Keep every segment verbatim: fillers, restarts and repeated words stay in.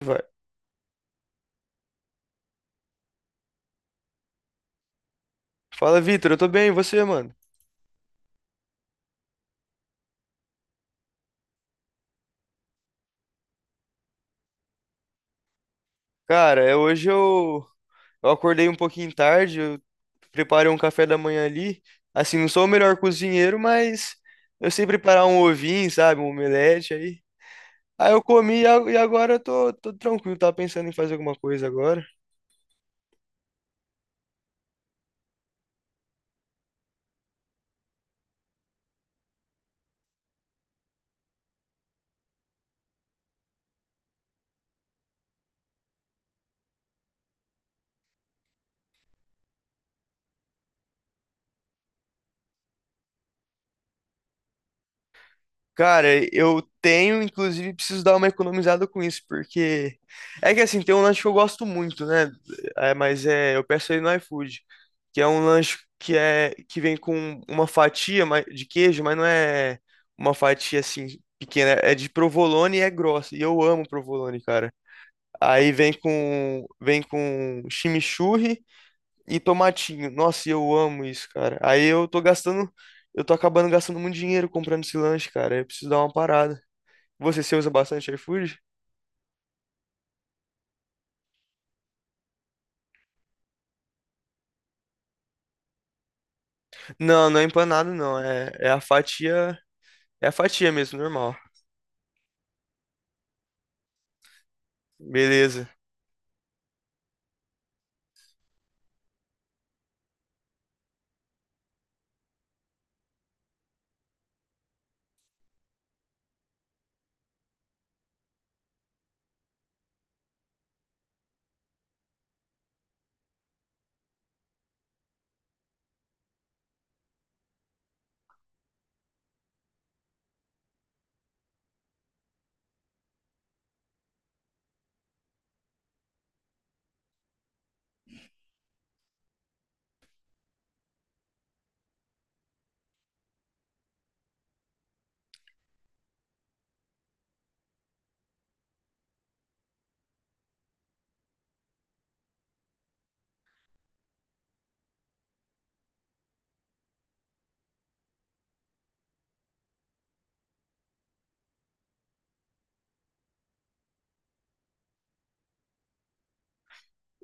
Vai. Fala, Vitor, eu tô bem, e você, mano? Cara, é, hoje eu, eu acordei um pouquinho tarde, eu preparei um café da manhã ali. Assim, não sou o melhor cozinheiro, mas eu sei preparar um ovinho, sabe? Um omelete aí. Aí eu comi e a- e agora eu tô, tô tranquilo, tava pensando em fazer alguma coisa agora. Cara, eu tenho, inclusive, preciso dar uma economizada com isso, porque é que assim, tem um lanche que eu gosto muito, né? É, mas é, eu peço ele no iFood, que é um lanche que é que vem com uma fatia ma- de queijo, mas não é uma fatia assim pequena, é de provolone e é grossa. E eu amo provolone, cara. Aí vem com vem com chimichurri e tomatinho. Nossa, e eu amo isso, cara. Aí eu tô gastando, eu tô acabando gastando muito dinheiro comprando esse lanche, cara. Eu preciso dar uma parada. Você, você usa bastante iFood? Não, não é empanado, não. É, é a fatia, é a fatia mesmo, normal. Beleza.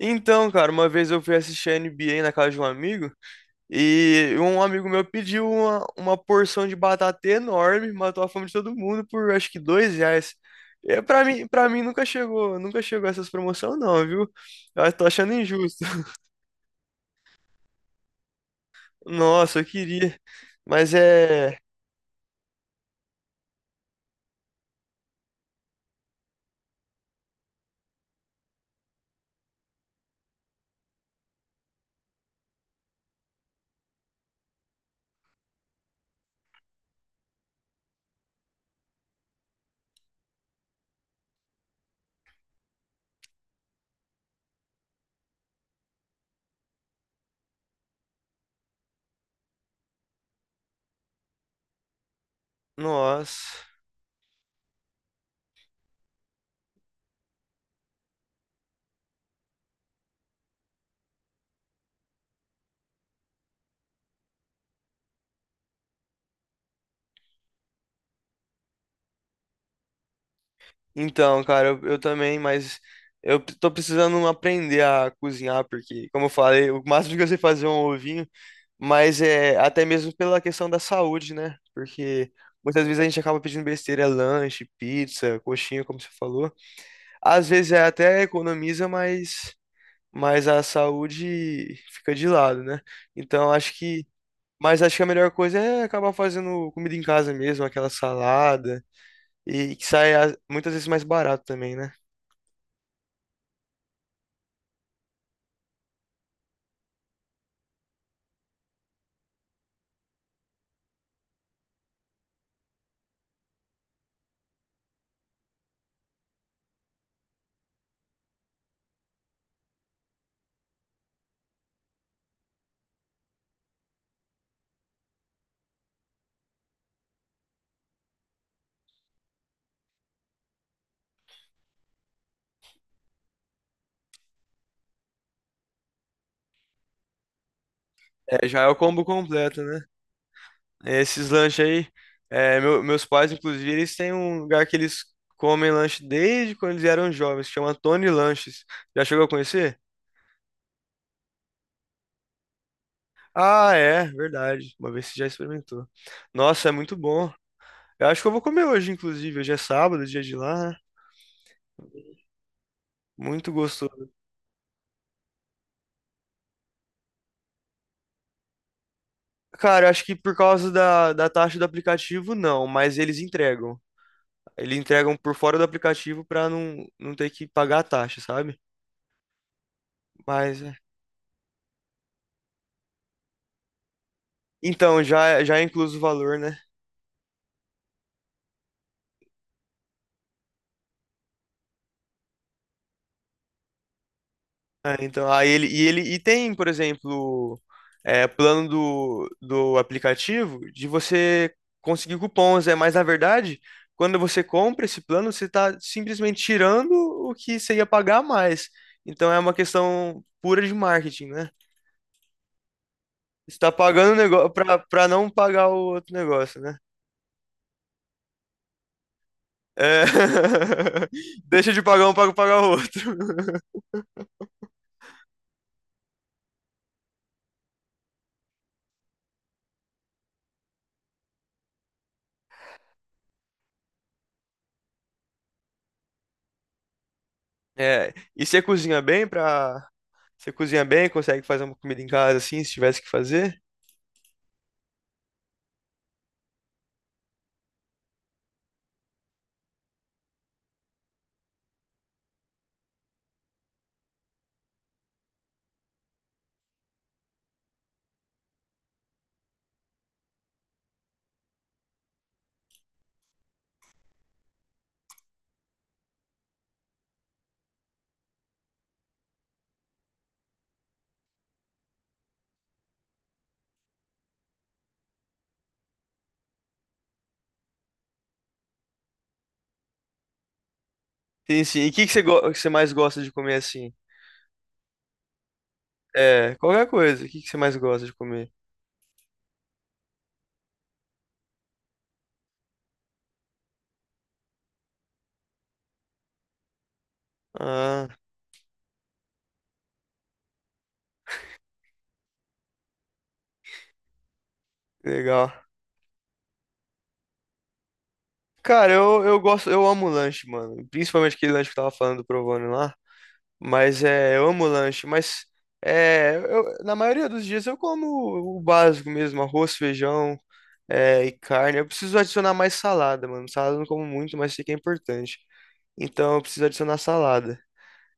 Então, cara, uma vez eu fui assistir a N B A na casa de um amigo. E um amigo meu pediu uma, uma porção de batata enorme, matou a fome de todo mundo por acho que dois reais. É, pra mim, pra mim nunca chegou, nunca chegou essas promoções não, viu? Eu tô achando injusto. Nossa, eu queria. Mas é. Nossa. Então, cara, eu, eu também, mas eu p- tô precisando aprender a cozinhar, porque, como eu falei, o máximo que eu sei fazer é um ovinho. Mas é até mesmo pela questão da saúde, né? Porque muitas vezes a gente acaba pedindo besteira, lanche, pizza, coxinha, como você falou. Às vezes é até economiza, mas, mas a saúde fica de lado, né? Então acho que. Mas acho que a melhor coisa é acabar fazendo comida em casa mesmo, aquela salada. E que sai a- muitas vezes mais barato também, né? É, já é o combo completo, né? Esses lanches aí, é, meu- meus pais, inclusive, eles têm um lugar que eles comem lanche desde quando eles eram jovens, que chama Tony Lanches. Já chegou a conhecer? Ah, é, verdade. Uma vez você já experimentou. Nossa, é muito bom. Eu acho que eu vou comer hoje, inclusive. Hoje é sábado, dia de lá, né? Muito gostoso. Cara, eu acho que por causa da, da taxa do aplicativo, não, mas eles entregam. Eles entregam por fora do aplicativo pra não, não ter que pagar a taxa, sabe? Mas, é. Então, já, já é incluso o valor, né? É, então, aí ele e ele e tem, por exemplo, é, plano do, do aplicativo de você conseguir cupons, é, mas na verdade, quando você compra esse plano, você está simplesmente tirando o que você ia pagar a mais. Então é uma questão pura de marketing, né? Você está pagando o negócio para para não pagar o outro negócio, né? É. Deixa de pagar um para pagar o outro. É, e você cozinha bem para você cozinha bem, consegue fazer uma comida em casa assim, se tivesse que fazer? Sim, sim. E o que que você, go- que você mais gosta de comer assim? É, qualquer coisa. O que que você mais gosta de comer? Ah, legal. Cara, eu, eu gosto, eu amo lanche, mano. Principalmente aquele lanche que eu tava falando do Provone lá. Mas é, eu amo lanche, mas é, eu- na maioria dos dias eu como o básico mesmo, arroz, feijão, é, e carne. Eu preciso adicionar mais salada, mano. Salada eu não como muito, mas sei que é importante. Então eu preciso adicionar salada.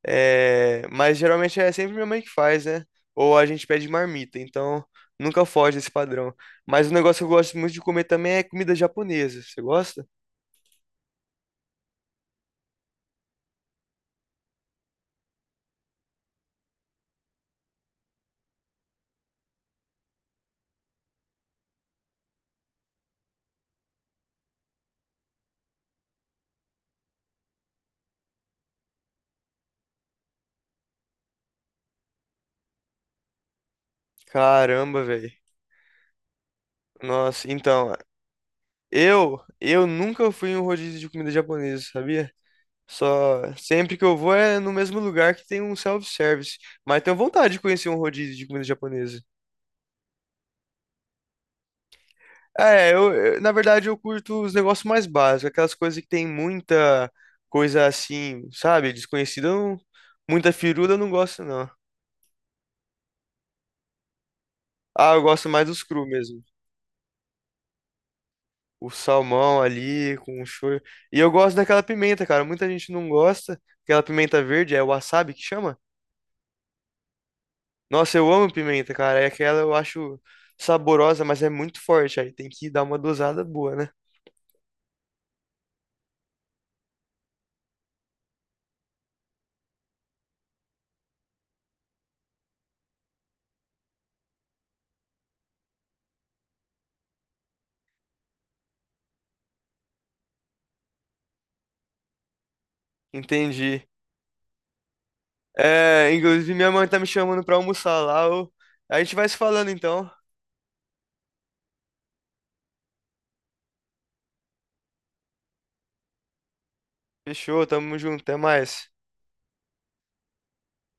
É, mas geralmente é sempre minha mãe que faz, né? Ou a gente pede marmita, então nunca foge desse padrão. Mas um negócio que eu gosto muito de comer também é comida japonesa. Você gosta? Caramba, velho. Nossa, então, eu eu nunca fui em um rodízio de comida japonesa, sabia? Só sempre que eu vou é no mesmo lugar que tem um self-service. Mas tenho vontade de conhecer um rodízio de comida japonesa. É, eu, eu- na verdade eu curto os negócios mais básicos, aquelas coisas que tem muita coisa assim, sabe, desconhecida, eu não- muita firula eu não gosto não. Ah, eu gosto mais dos cru mesmo. O salmão ali com o shoyu. E eu gosto daquela pimenta, cara. Muita gente não gosta. Aquela pimenta verde, é o wasabi que chama? Nossa, eu amo pimenta, cara. É aquela eu acho saborosa, mas é muito forte. Aí tem que dar uma dosada boa, né? Entendi. É, inclusive minha mãe tá me chamando pra almoçar lá. Ô. A gente vai se falando então. Fechou, tamo junto, até mais.